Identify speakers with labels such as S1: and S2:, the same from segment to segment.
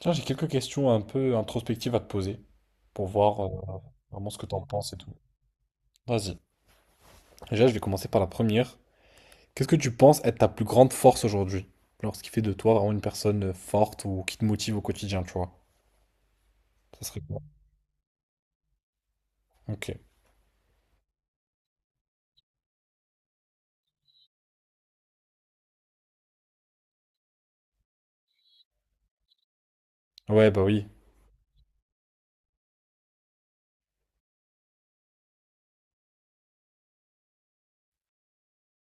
S1: Tiens, j'ai quelques questions un peu introspectives à te poser pour voir vraiment ce que tu en penses et tout. Vas-y. Déjà, je vais commencer par la première. Qu'est-ce que tu penses être ta plus grande force aujourd'hui? Genre, ce qui fait de toi vraiment une personne forte ou qui te motive au quotidien, tu vois. Ça serait quoi? Ok. Ouais, bah oui.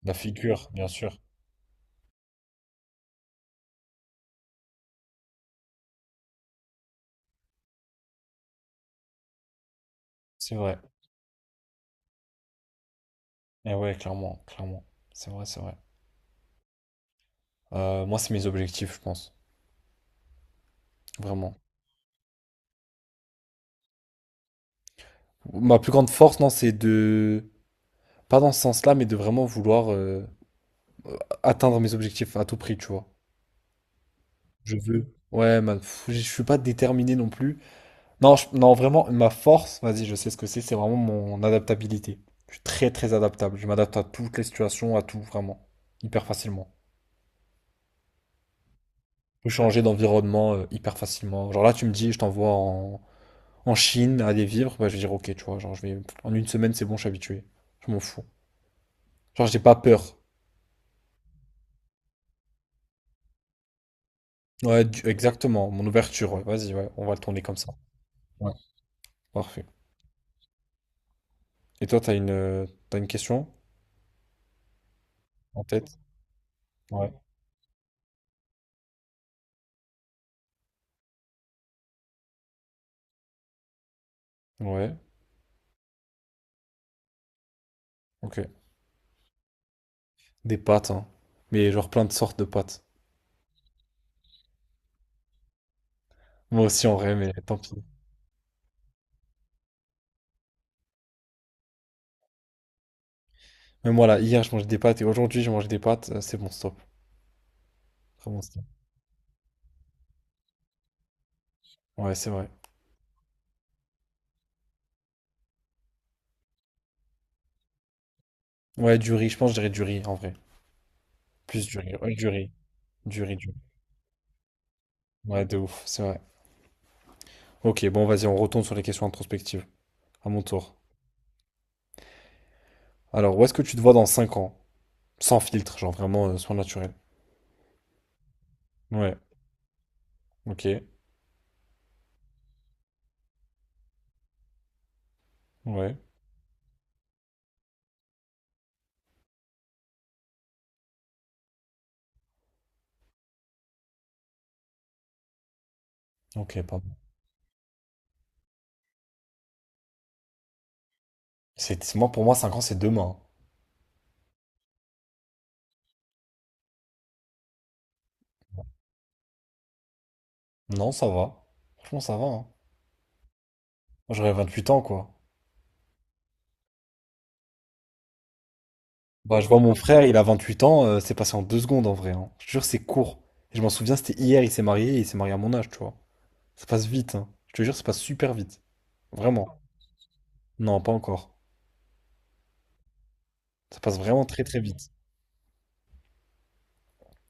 S1: La figure, bien sûr. C'est vrai. Et ouais, clairement, clairement. C'est vrai, c'est vrai. Moi, c'est mes objectifs, je pense. Vraiment. Ma plus grande force, non, c'est de... Pas dans ce sens-là, mais de vraiment vouloir atteindre mes objectifs à tout prix, tu vois. Je veux. Ouais, je suis pas déterminé non plus. Non, non, vraiment, ma force, vas-y, je sais ce que c'est vraiment mon adaptabilité. Je suis très très adaptable. Je m'adapte à toutes les situations, à tout, vraiment. Hyper facilement. Je peux changer d'environnement hyper facilement. Genre là, tu me dis, je t'envoie en Chine à aller vivre, bah, je vais dire ok, tu vois, genre je vais. En une semaine, c'est bon, je suis habitué. Je m'en fous. Genre, j'ai pas peur. Ouais, exactement. Mon ouverture, ouais, vas-y, ouais, on va le tourner comme ça. Ouais, parfait. Et toi, t'as une question en tête? Ouais. Ouais. Ok. Des pâtes, hein. Mais genre plein de sortes de pâtes. Moi aussi en vrai, mais tant pis. Même moi là, hier je mangeais des pâtes et aujourd'hui je mange des pâtes, c'est bon stop. Très bon stop. Ouais, c'est vrai. Ouais, du riz, je pense que je dirais du riz en vrai. Plus du riz, ouais, du riz. Du riz, du riz. Ouais, de ouf, c'est vrai. Ok, bon vas-y, on retourne sur les questions introspectives. À mon tour. Alors, où est-ce que tu te vois dans 5 ans? Sans filtre, genre vraiment soin naturel. Ouais, ok. Ouais, ok, pardon. C'est, moi, pour moi, 5 ans c'est demain. Hein. Non, ça va. Franchement, ça va, hein. Moi, j'aurais 28 ans, quoi. Bah, je vois mon frère, il a 28 ans, c'est passé en 2 secondes en vrai. Hein. Je te jure, c'est court. Et je m'en souviens, c'était hier, il s'est marié et il s'est marié à mon âge, tu vois. Ça passe vite, hein. Je te jure, ça passe super vite. Vraiment. Non, pas encore. Ça passe vraiment très très vite.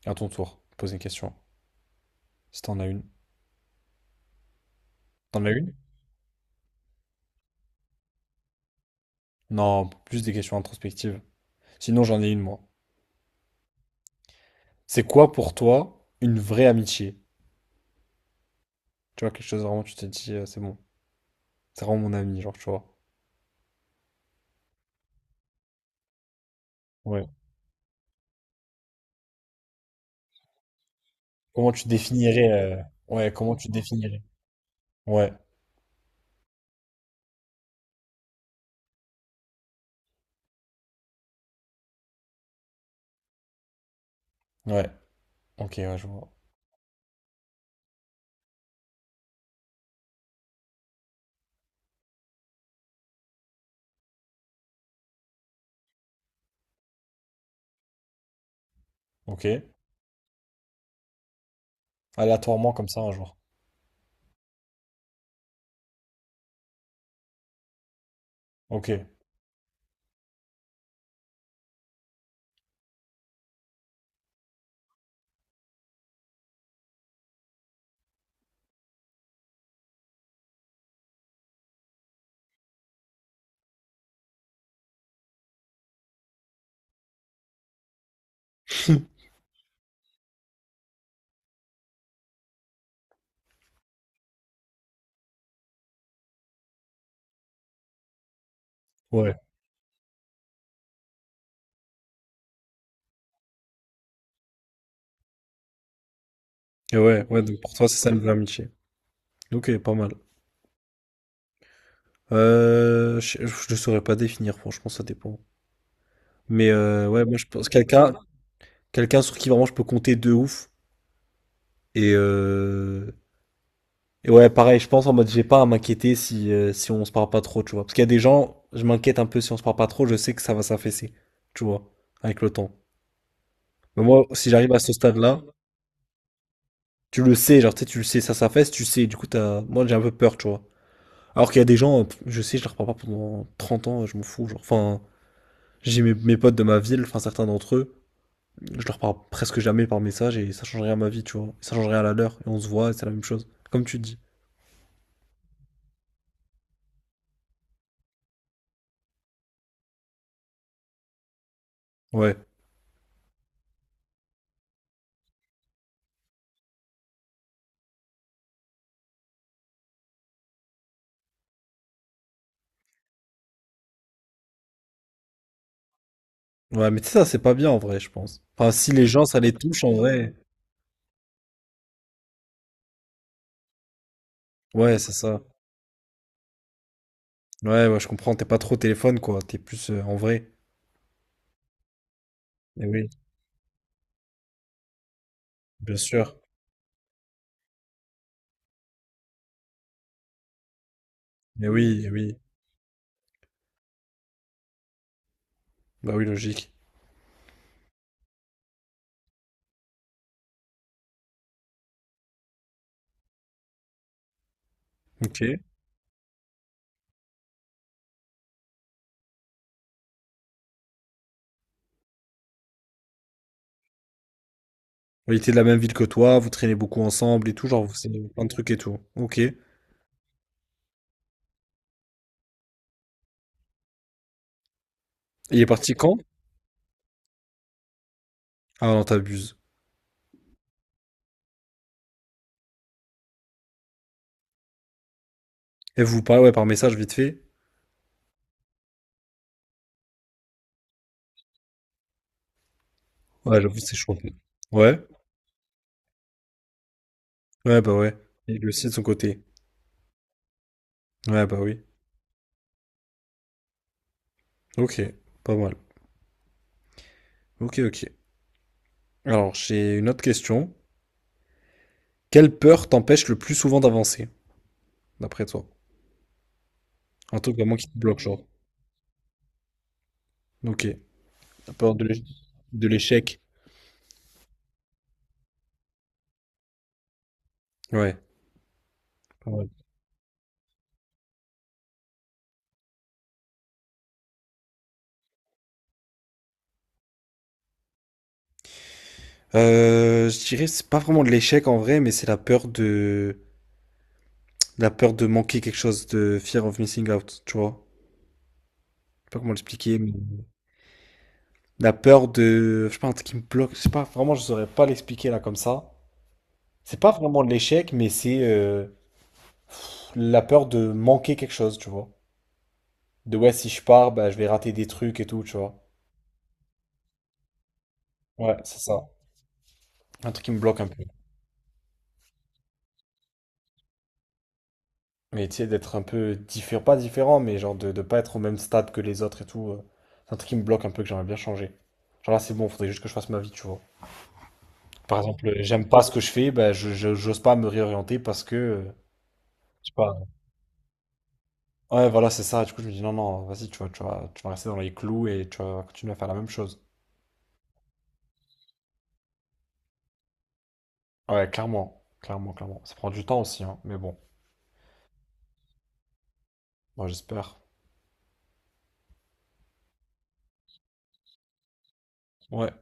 S1: À ton tour, pose une question. Si t'en as une. T'en as une? Non, plus des questions introspectives. Sinon, j'en ai une, moi. C'est quoi pour toi une vraie amitié? Tu vois, quelque chose vraiment, tu te dis, c'est bon. C'est vraiment mon ami, genre, tu vois. Ouais. Comment tu définirais, ouais, comment tu définirais? Ouais, ouais. Ok, ouais, je vois. Ok. Aléatoirement comme ça un jour. Ok. Ouais. Et ouais, ouais, donc pour toi, c'est ça une vraie amitié. Ok, pas mal. Je ne saurais pas définir, franchement, ça dépend. Mais ouais, moi, je pense quelqu'un sur qui vraiment je peux compter de ouf. Et, euh, et ouais, pareil, je pense en mode, j'ai pas à m'inquiéter si, si on se parle pas trop, tu vois. Parce qu'il y a des gens, je m'inquiète un peu si on se parle pas trop, je sais que ça va s'affaisser, tu vois, avec le temps. Mais moi, si j'arrive à ce stade-là, tu le sais, genre, tu sais, tu le sais, ça s'affaisse, tu sais, du coup, moi, j'ai un peu peur, tu vois. Alors qu'il y a des gens, je sais, je les reprends pas pendant 30 ans, je m'en fous. Genre. Enfin, j'ai mes potes de ma ville, enfin certains d'entre eux, je leur parle presque jamais par message et ça change rien à ma vie, tu vois. Ça change rien à la leur et on se voit et c'est la même chose. Comme tu dis. Ouais. Ouais, mais tu sais, ça, c'est pas bien en vrai, je pense. Enfin, si les gens, ça les touche en vrai. Ouais, c'est ça. Ouais, ouais, je comprends, t'es pas trop au téléphone, quoi. T'es plus en vrai. Eh oui, bien sûr. Eh oui, eh oui. Bah oui, logique. Ok. Bah, il était de la même ville que toi, vous traînez beaucoup ensemble et tout, genre, vous savez plein de trucs et tout. Ok. Et il est parti quand? Ah non, t'abuses. Et vous vous parlez, ouais, par message vite fait? Ouais, j'avoue, c'est chaud. Ouais? Ouais, bah ouais. Et lui aussi de son côté. Ouais, bah oui. OK, pas mal. OK, OK. Alors, j'ai une autre question. Quelle peur t'empêche le plus souvent d'avancer, d'après toi? Un truc vraiment qui te bloque, genre. OK. La peur de l'échec. Ouais, pas mal. Je dirais, c'est pas vraiment de l'échec en vrai, mais c'est la peur de manquer quelque chose, de fear of missing out, tu vois? Je sais pas comment l'expliquer, mais... La peur de. Je sais pas, un truc qui me bloque. Je sais pas, vraiment, je saurais pas l'expliquer là comme ça. C'est pas vraiment de l'échec, mais c'est la peur de manquer quelque chose, tu vois. De ouais, si je pars, bah, je vais rater des trucs et tout, tu vois. Ouais, c'est ça. Un truc qui me bloque un peu. Mais tu sais, d'être un peu différent, pas différent, mais genre de pas être au même stade que les autres et tout. C'est un truc qui me bloque un peu que j'aimerais bien changer. Genre là, c'est bon, faudrait juste que je fasse ma vie, tu vois. Par exemple, j'aime pas ce que je fais, bah, j'ose pas me réorienter parce que, je sais pas, Ouais, voilà, c'est ça. Du coup, je me dis, non, non, vas-y, tu vas rester dans les clous et tu vas continuer à faire la même chose. Ouais, clairement, clairement, clairement. Ça prend du temps aussi, hein, mais bon, moi, j'espère. Ouais.